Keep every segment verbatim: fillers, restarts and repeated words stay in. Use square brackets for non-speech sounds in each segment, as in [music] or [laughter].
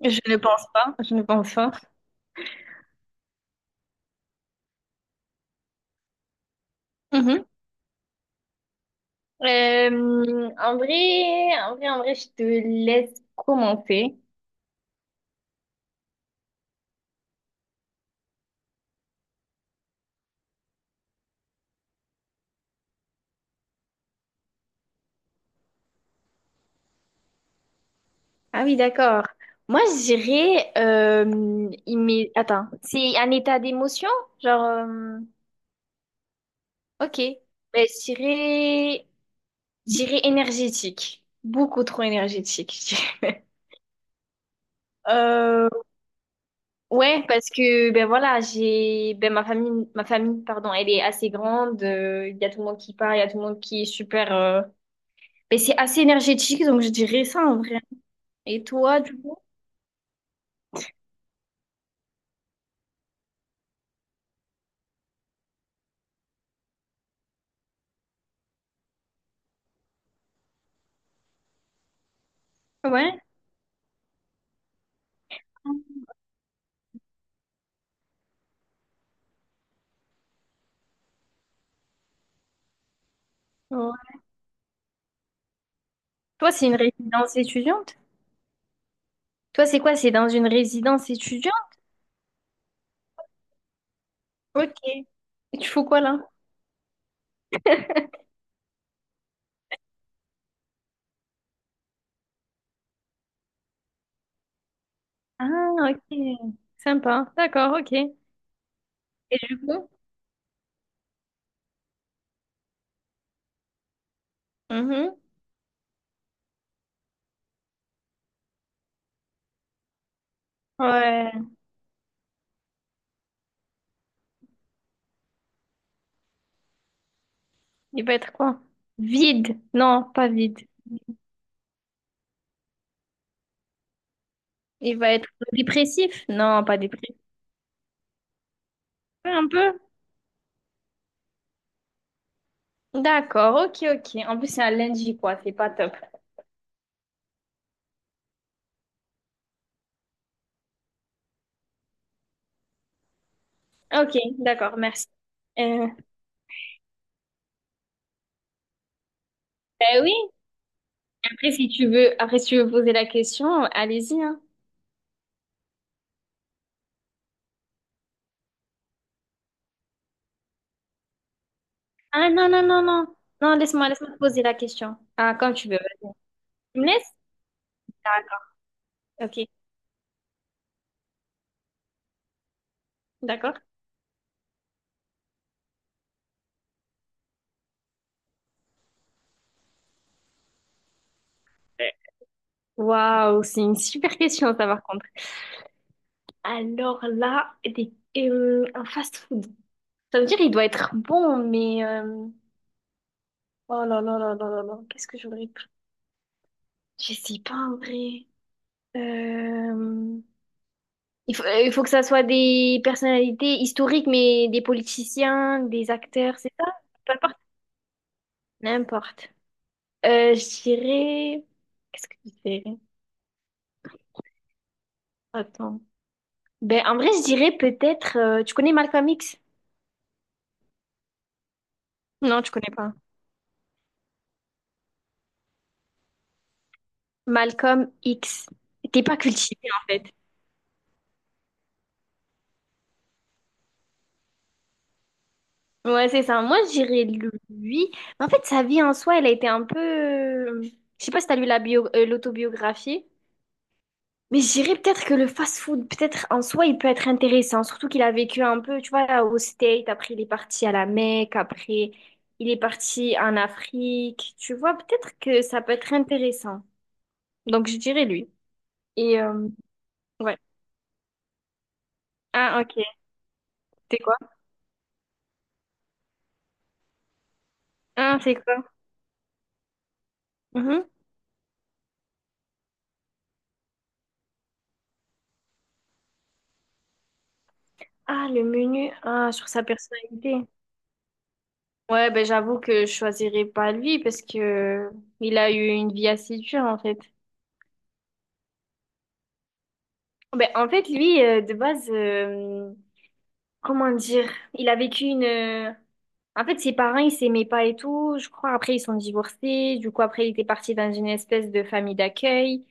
Je ne pense pas, je ne pense pas. Mhm. Euh, en vrai, en vrai, en vrai, je te laisse commencer. Ah oui, d'accord. Moi, je dirais, euh, immé- attends, c'est un état d'émotion? Genre, euh, ok. Ben, je dirais, je dirais énergétique. Beaucoup trop énergétique, je dirais. Euh, ouais, parce que, ben voilà, j'ai, ben ma famille, ma famille, pardon, elle est assez grande. euh, Il y a tout le monde qui part, il y a tout le monde qui est super. euh, Mais c'est assez énergétique, donc je dirais ça en vrai. Et toi, du coup? Ouais. Ouais. Toi, c'est une résidence étudiante? Toi, c'est quoi? C'est dans une résidence étudiante? Ok. Et tu fais quoi là? Ah, ok. Sympa. D'accord, ok. Du coup? Mhm. Ouais. Il va être quoi? Vide. Non, pas vide. Il va être dépressif? Non, pas dépressif. Un peu? D'accord, ok, ok. En plus, c'est un lundi, quoi. C'est pas top. Ok, d'accord, merci. Euh, bah oui, Après, si tu veux, après, si tu veux poser la question, allez-y, hein. Ah non, non, non, non. Non, laisse-moi, laisse-moi te poser la question. Ah, quand tu veux. Tu me laisses? D'accord. Ok, d'accord. Ouais. Waouh, c'est une super question, ça, par contre. Alors là, des, euh, un fast-food. Ça veut dire il doit être bon, mais... euh, Oh là là là là là là. Qu'est-ce que j'aurais pu... Je sais pas, en vrai. Euh, Il faut, euh, il faut que ça soit des personnalités historiques, mais des politiciens, des acteurs, c'est ça? N'importe. Euh, je dirais... Qu'est-ce que je dirais? Attends. Ben, en vrai, je dirais peut-être... euh, Tu connais Malcolm X? Non, tu connais pas. Malcolm X. T'es pas cultivé, en fait. Ouais, c'est ça. Moi, je dirais lui. Mais En fait, sa vie en soi, elle a été un peu... euh, Je sais pas si t'as lu la bio... euh, l'autobiographie. Mais je dirais peut-être que le fast-food, peut-être en soi, il peut être intéressant, surtout qu'il a vécu un peu, tu vois, au States, après il est parti à la Mecque, après il est parti en Afrique, tu vois, peut-être que ça peut être intéressant. Donc je dirais lui. Et euh, ouais. Ah, ok. C'est quoi? Ah, c'est quoi? Mhm. Ah, le menu, ah, sur sa personnalité. Ouais, ben j'avoue que je choisirais pas lui parce que il a eu une vie assez dure en fait. Ben, en fait, lui, euh, de base. euh, Comment dire? Il a vécu une. euh, En fait, ses parents, ils s'aimaient pas et tout. Je crois après, ils sont divorcés. Du coup, après, il était parti dans une espèce de famille d'accueil.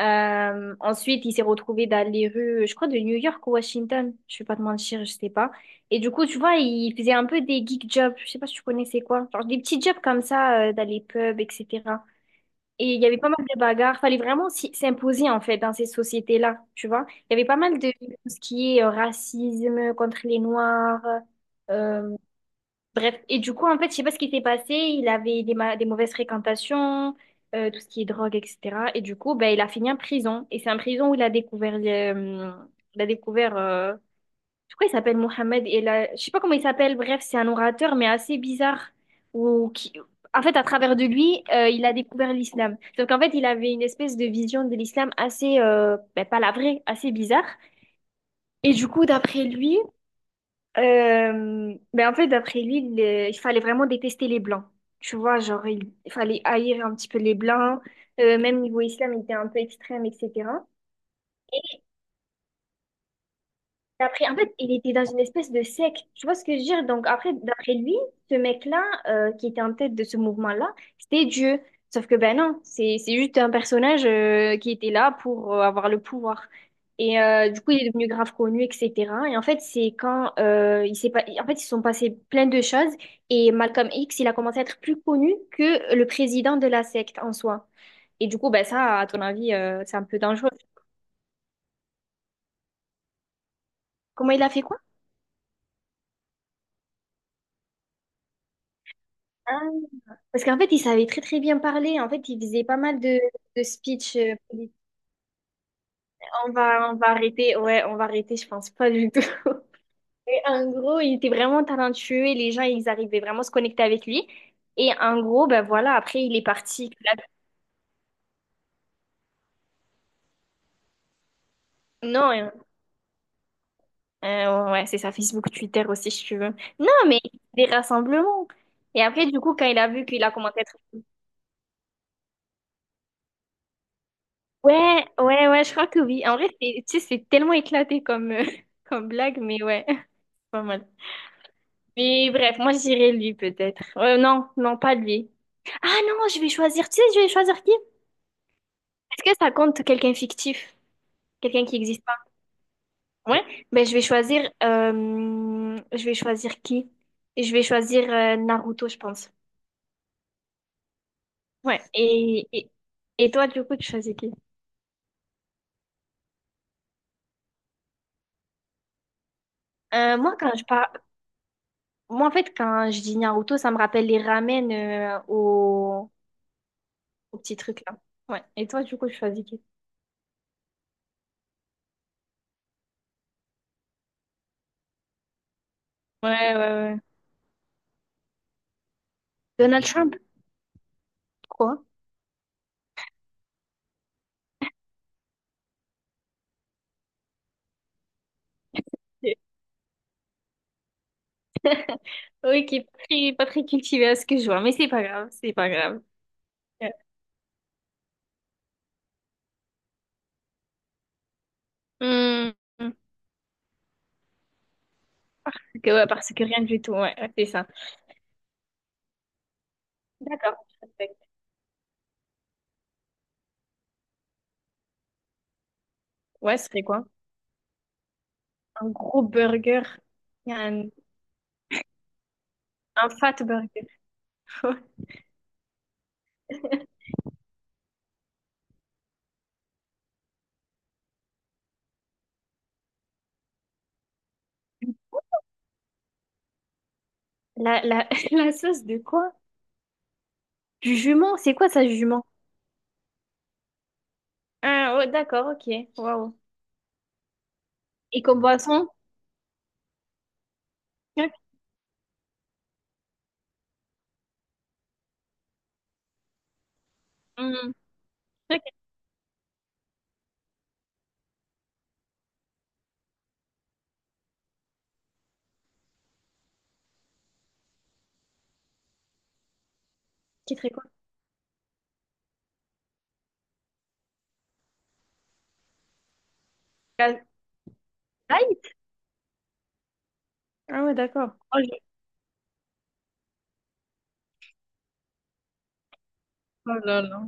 Euh, ensuite, il s'est retrouvé dans les rues, je crois, de New York ou Washington. Je vais pas te mentir, je sais pas. Et du coup, tu vois, il faisait un peu des geek jobs. Je sais pas si tu connais c'est quoi. Genre des petits jobs comme ça, euh, dans les pubs, et cetera. Et il y avait pas mal de bagarres. Fallait vraiment s'y- s'imposer, en fait, dans ces sociétés-là, tu vois. Il y avait pas mal de tout ce qui est euh, racisme contre les Noirs. euh, bref. Et du coup, en fait, je sais pas ce qui s'est passé. Il avait des, ma- des mauvaises fréquentations, euh, tout ce qui est drogue, et cetera. Et du coup, ben, il a fini en prison. Et c'est en prison où il a découvert, euh, il a découvert, euh, je crois qu'il s'appelle Mohamed et là, je sais pas comment il s'appelle, bref, c'est un orateur mais assez bizarre ou qui en fait à travers de lui, euh, il a découvert l'islam. Donc en fait, il avait une espèce de vision de l'islam assez euh, ben, pas la vraie, assez bizarre et du coup, d'après lui, euh, ben en fait d'après lui, le- il fallait vraiment détester les blancs. Tu vois, genre il, il fallait haïr un petit peu les blancs, euh, même niveau islam, il était un peu extrême, et cetera. D'après, en fait, il était dans une espèce de secte. Tu vois ce que je veux dire? Donc, après, d'après lui, ce mec-là, euh, qui était en tête de ce mouvement-là, c'était Dieu. Sauf que, ben non, c'est, c'est juste un personnage, euh, qui était là pour euh, avoir le pouvoir. Et euh, du coup, il est devenu grave connu, et cetera. Et en fait, c'est quand euh, il s'est pas... en fait, ils se sont passés plein de choses. Et Malcolm X, il a commencé à être plus connu que le président de la secte en soi. Et du coup, ben ça, à ton avis, euh, c'est un peu dangereux. Comment il a fait quoi? Parce qu'en fait, il savait très très bien parler. En fait, il faisait pas mal de, de speeches. euh, polit- On va, on va arrêter. Ouais, on va arrêter, je pense pas du tout. [laughs] Et en gros, il était vraiment talentueux et les gens, ils arrivaient vraiment à se connecter avec lui. Et en gros, ben voilà, après, il est parti. Non, euh, euh, ouais, c'est ça, Facebook, Twitter aussi, si tu veux. Non, mais des rassemblements. Et après, du coup, quand il a vu qu'il a commencé à être... Ouais, ouais, ouais, je crois que oui. En vrai, c'est- tu sais, c'est tellement éclaté comme, euh, [laughs] comme blague, mais ouais, [laughs] pas mal. Mais bref, moi je dirais lui peut-être. Euh, non, non, pas lui. Ah non, je vais choisir. Tu sais, je vais choisir qui? Est-ce que ça compte quelqu'un fictif? Quelqu'un qui n'existe pas? Ouais. Ben je vais choisir. euh, Je vais choisir qui? Je vais choisir euh, Naruto, je pense. Ouais. Et, et, et toi, du coup, tu choisis qui? Euh, moi, quand je parle, moi en fait, quand je dis Naruto, ça me rappelle les ramen euh, au... au petit truc là. Ouais. Et toi, du coup, tu choisis qui? Ouais, ouais, ouais. Donald Trump? Quoi? Oui, qui est pas très, pas très cultivé à ce que je vois, mais c'est pas grave, c'est pas grave. Ouais. Hmm. Que, ouais, parce que rien du tout, ouais, ouais, c'est ça. D'accord, je respecte. Ouais, ce serait quoi? Un gros burger, Il y a un, un fat burger. [laughs] La, la, [laughs] la sauce de quoi? Du jument, c'est quoi ça, jument? Ah, ouais, d'accord, ok, waouh. Et comme boisson? Ok, hmm, ok, qui serait quoi? La Sprite? Ah ouais, d'accord. Oh, je- oh là là.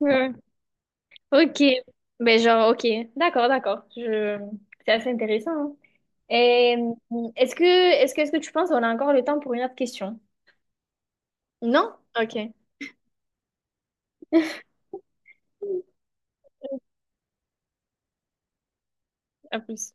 Ouais. Ok, mais genre, ok, d'accord, d'accord. Je... C'est assez intéressant. hein. Et euh, est-ce que, est-ce que, est-ce que tu penses qu'on a encore le temps pour une autre question? Non? Ok, à plus.